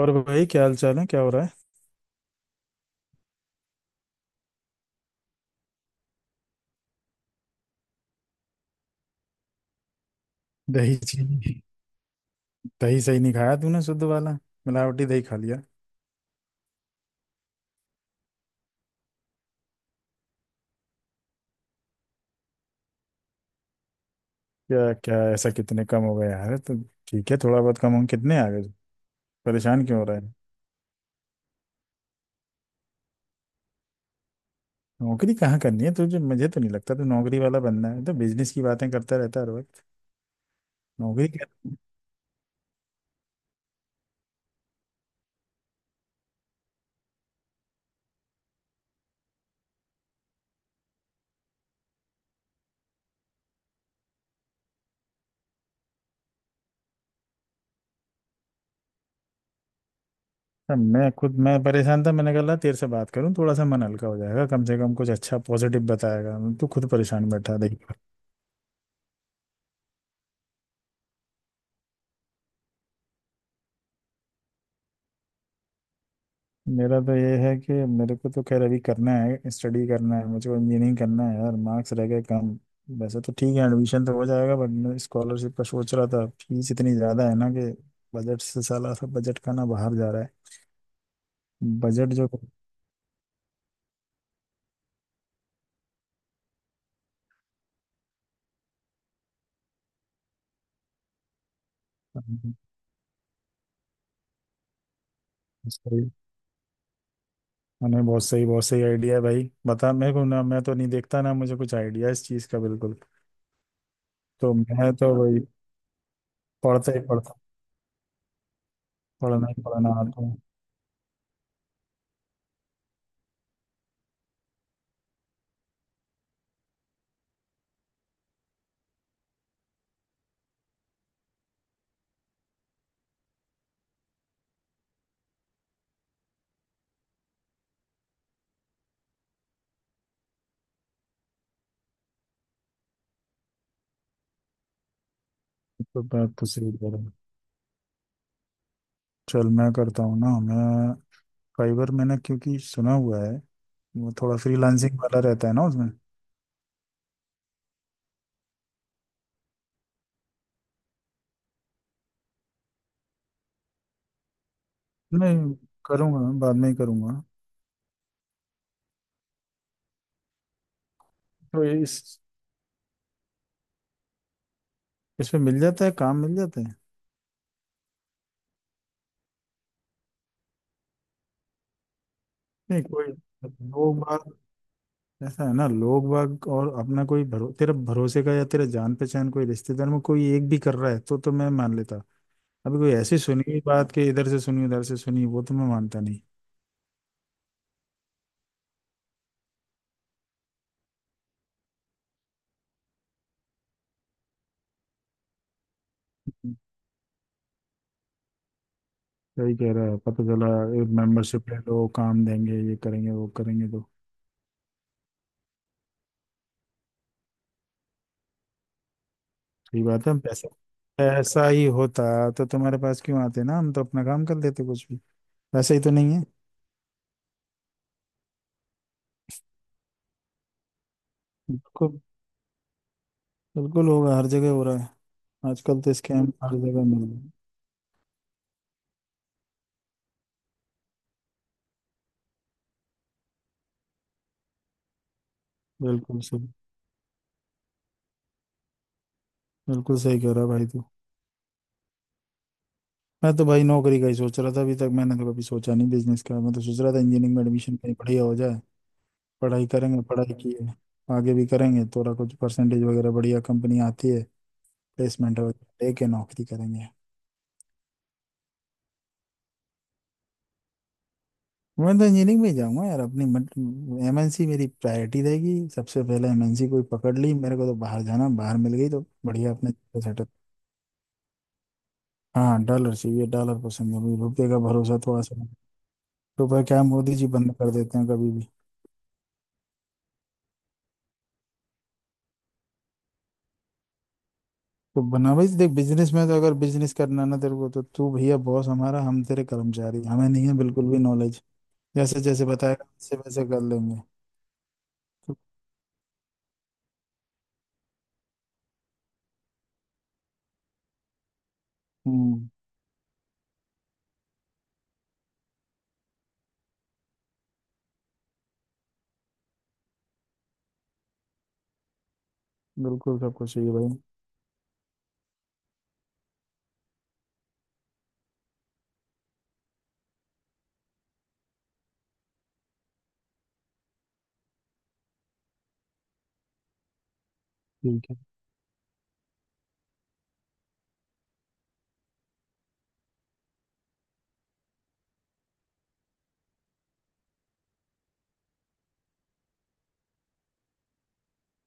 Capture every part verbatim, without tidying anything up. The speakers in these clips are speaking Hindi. और भाई, क्या हाल चाल है? क्या हो रहा है? दही चीनी? दही सही नहीं खाया तूने, शुद्ध वाला। मिलावटी दही खा लिया। क्या क्या ऐसा, कितने कम हो गया यार तो? ठीक है, थोड़ा बहुत कम हो, कितने आ गए? परेशान क्यों हो रहा है? नौकरी कहाँ करनी है तुझे? मुझे तो नहीं लगता तू नौकरी वाला, बनना है तो बिजनेस की बातें करता रहता है हर वक्त। नौकरी क्या? अब मैं खुद मैं परेशान था। मैंने कहा, "ला, तेरे से बात करूं, थोड़ा सा मन हल्का हो जाएगा, कम से कम कुछ अच्छा पॉजिटिव बताएगा।" तू खुद परेशान बैठा। मेरा तो ये है कि मेरे को तो खैर अभी करना है, स्टडी करना है, मुझे इंजीनियरिंग करना है यार। मार्क्स रह गए कम। वैसे तो ठीक है, एडमिशन तो हो जाएगा, बट मैं स्कॉलरशिप का सोच रहा था, फीस इतनी ज़्यादा है ना कि बजट से साला, सब बजट का ना बाहर जा रहा है। बजट जो। सही। मैंने बहुत सही, बहुत सही आइडिया है भाई। बता मेरे को ना, मैं तो नहीं देखता ना, मुझे कुछ आइडिया इस चीज़ का बिल्कुल। तो मैं तो वही पढ़ता ही पढ़ता। पढ़ना ही पढ़ना आता हूँ। तो मैं तो सही कह रहा हूँ। चल, मैं करता हूँ ना मैं। फाइवर मैंने क्योंकि सुना हुआ है। वो थोड़ा फ्रीलांसिंग वाला रहता है ना उसमें। नहीं, करूँगा, बाद में ही करूँगा। तो ये इस इसमें मिल जाता है, काम मिल जाता है? नहीं कोई। लोग बाग। ऐसा है ना, लोग बाग, और अपना कोई भरो, तेरा भरोसे का या तेरा जान पहचान, कोई रिश्तेदार में कोई एक भी कर रहा है तो तो मैं मान लेता। अभी कोई ऐसी सुनी हुई बात कि इधर से सुनी, उधर से सुनी, वो तो मैं मानता नहीं। सही कह रहा है, पता चला। मेंबरशिप ले लो, काम देंगे, ये करेंगे वो करेंगे तो। सही बात है, पैसा। पैसा ही होता तो तुम्हारे पास क्यों आते ना, हम तो अपना काम कर लेते कुछ भी। वैसे ही तो नहीं है। बिल्कुल। बिल्कुल होगा, हर जगह हो रहा है। आजकल तो स्कैम हर जगह मिल रहे हैं। बिल्कुल सही, बिल्कुल सही कह रहा है भाई तू। मैं तो भाई नौकरी का ही सोच रहा था, अभी तक मैंने तो कभी सोचा नहीं बिजनेस का। मैं तो सोच रहा था इंजीनियरिंग में एडमिशन कहीं बढ़िया हो जाए। पढ़ाई करेंगे, पढ़ाई की है। आगे भी करेंगे थोड़ा, कुछ परसेंटेज वगैरह बढ़िया, कंपनी आती है। प्लेसमेंट वगैरह लेके नौकरी करेंगे। मैं तो इंजीनियरिंग में ही जाऊंगा यार। अपनी मतलब एम एन सी मेरी प्रायोरिटी रहेगी सबसे पहले। एम एन सी कोई पकड़ ली मेरे को, तो बाहर जाना, बाहर मिल गई तो बढ़िया अपने। सेटअप। हाँ, डॉलर चाहिए, डॉलर पसंद है मुझे, रुपये का भरोसा थोड़ा सा नहीं। रुपये क्या, मोदी जी बंद कर देते हैं कभी भी। तो बना भाई, देख, बिजनेस में तो, अगर बिजनेस करना ना तेरे को, तो तू भैया बॉस हमारा, हम तेरे कर्मचारी, हमें नहीं है बिल्कुल भी नॉलेज। जैसे जैसे बताएगा वैसे वैसे कर लेंगे। तो। हम्म। बिल्कुल, सब कुछ चाहिए भाई। ठीक है।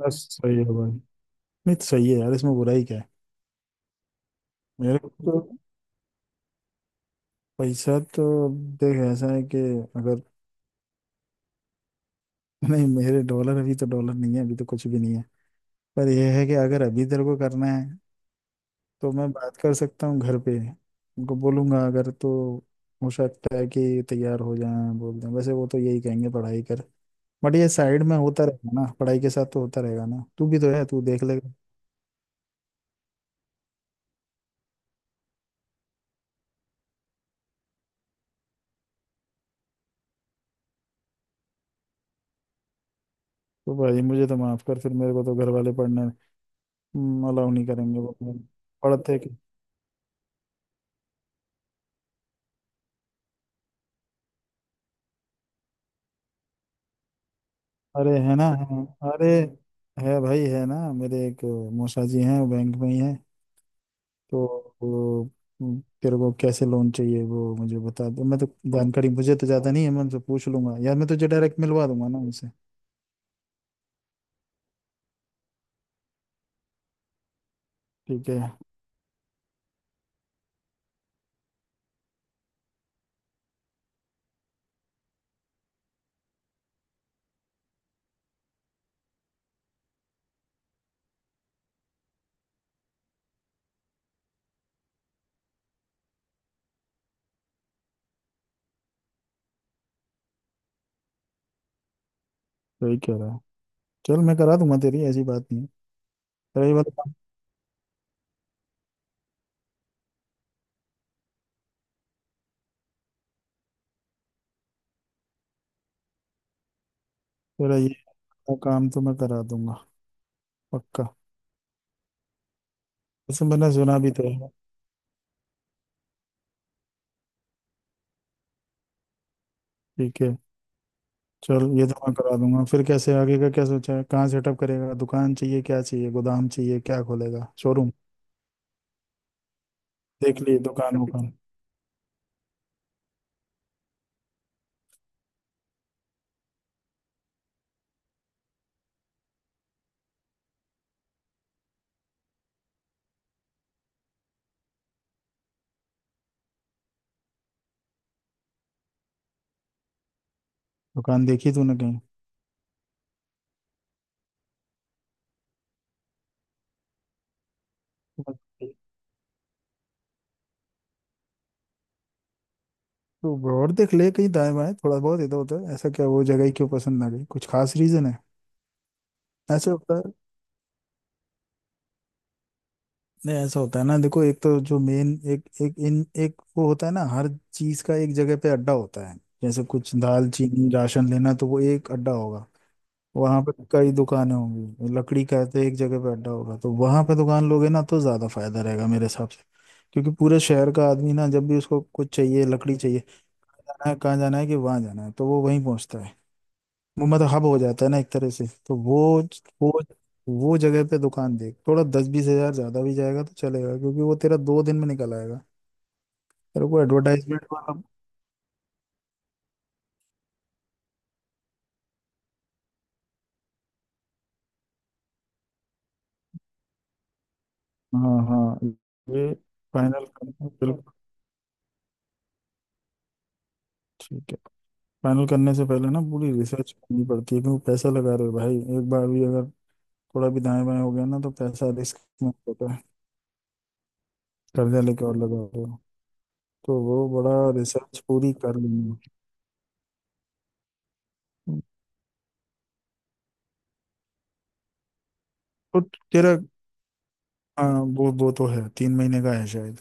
बस, सही है भाई। नहीं तो सही है यार, इसमें बुराई क्या है? मेरे को तो, पैसा तो, देख, ऐसा है कि अगर, नहीं, मेरे डॉलर, अभी तो डॉलर नहीं है, अभी तो कुछ भी नहीं है। पर यह है कि अगर अभी तेरे को करना है, तो मैं बात कर सकता हूँ घर पे, उनको बोलूंगा अगर, तो हो सकता है कि तैयार हो जाए, बोल दें। वैसे वो तो यही कहेंगे पढ़ाई कर। बट ये साइड में होता रहेगा ना पढ़ाई के साथ, तो होता रहेगा ना, तू भी तो है, तू देख लेगा। तो भाई मुझे तो माफ कर फिर, मेरे को तो घर वाले पढ़ने अलाउ नहीं करेंगे वो तो। पढ़ते। अरे, है ना, है, अरे, है भाई, है ना। मेरे एक मौसा जी हैं, वो बैंक में ही हैं। तो वो, उम, तेरे को कैसे लोन चाहिए वो मुझे बता दो, मैं तो जानकारी मुझे तो ज़्यादा नहीं है, मैं उनसे पूछ लूंगा यार, मैं तुझे डायरेक्ट मिलवा दूंगा ना उनसे। ठीक है। सही कह रहा है। चल, मैं करा दूंगा तेरी, ऐसी बात नहीं है। तेरा ये बता। तेरा ये वाला काम तो मैं करा दूंगा। पक्का। वैसे मैंने सुना भी तो है। ठीक है। चल, ये तो मैं करा दूंगा। फिर कैसे, आगे का क्या सोचा है? कहाँ सेटअप करेगा? दुकान चाहिए, क्या चाहिए, गोदाम चाहिए? क्या खोलेगा, शोरूम? देख ली दुकान वुकान? दुकान देखी तूने? कहीं तो और देख ले, कहीं दाएं बाएं, थोड़ा बहुत इधर उधर। ऐसा क्या, वो जगह ही क्यों पसंद ना गई? कुछ खास रीजन है? ऐसे होता है। नहीं, ऐसा होता है ना, देखो, एक तो जो मेन एक एक इन एक वो होता है ना, हर चीज का एक जगह पे अड्डा होता है। जैसे कुछ दाल चीनी राशन लेना तो वो एक अड्डा होगा। वहां पे तो कई दुकानें होंगी। लकड़ी का है तो एक जगह पे अड्डा होगा, तो वहां पे दुकान लोगे ना तो ज्यादा फायदा रहेगा मेरे हिसाब से। क्योंकि पूरे शहर का आदमी ना, जब भी उसको कुछ चाहिए, लकड़ी चाहिए, जाना है कहाँ, जाना है कि वहां जाना है, तो वो वहीं पहुंचता है। वो मतलब हब हो जाता है ना एक तरह से, तो वो वो वो जगह पे दुकान देख। थोड़ा दस बीस हजार ज्यादा भी जाएगा तो चलेगा, क्योंकि वो तेरा दो दिन में निकल आएगा। तेरे को एडवर्टाइजमेंट वाला? हाँ, हाँ। ये फाइनल करना बिल्कुल, ठीक है। फाइनल करने से पहले ना पूरी रिसर्च करनी पड़ती है, क्योंकि पैसा लगा रहे हो भाई। एक बार भी अगर थोड़ा भी दाएं बाएं हो गया ना तो पैसा रिस्क में होता है। कर्जा लेके और लगा रहे हो? तो वो बड़ा, रिसर्च पूरी कर लेनी है। तो तेरा, हाँ, वो वो तो है, तीन महीने का है शायद।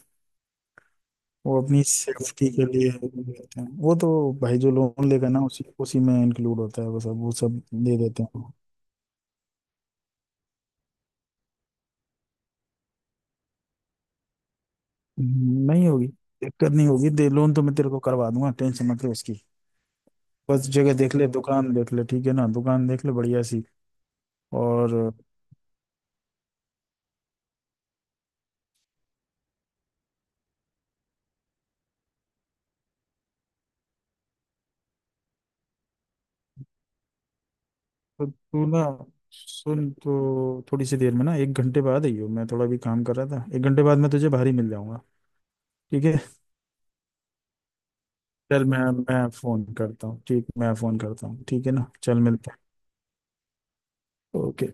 वो अपनी सेफ्टी के लिए देते हैं वो तो। भाई जो लोन लेगा ना उसी उसी में इंक्लूड होता है, वो सब, वो सब दे देते हैं। हम्म, नहीं होगी दिक्कत, नहीं होगी। दे लोन तो मैं तेरे को करवा दूंगा, टेंशन मत ले उसकी। बस, जगह देख ले, दुकान देख ले, ठीक है ना, दुकान देख ले बढ़िया सी। और, तो तू ना सुन, तो थोड़ी सी देर में ना एक घंटे बाद आई हो, मैं थोड़ा भी काम कर रहा था, एक घंटे बाद मैं तुझे बाहर ही मिल जाऊंगा। ठीक है। चल, मैं मैं फोन करता हूँ, ठीक, मैं फोन करता हूँ, ठीक है ना, चल मिलते हैं। ओके।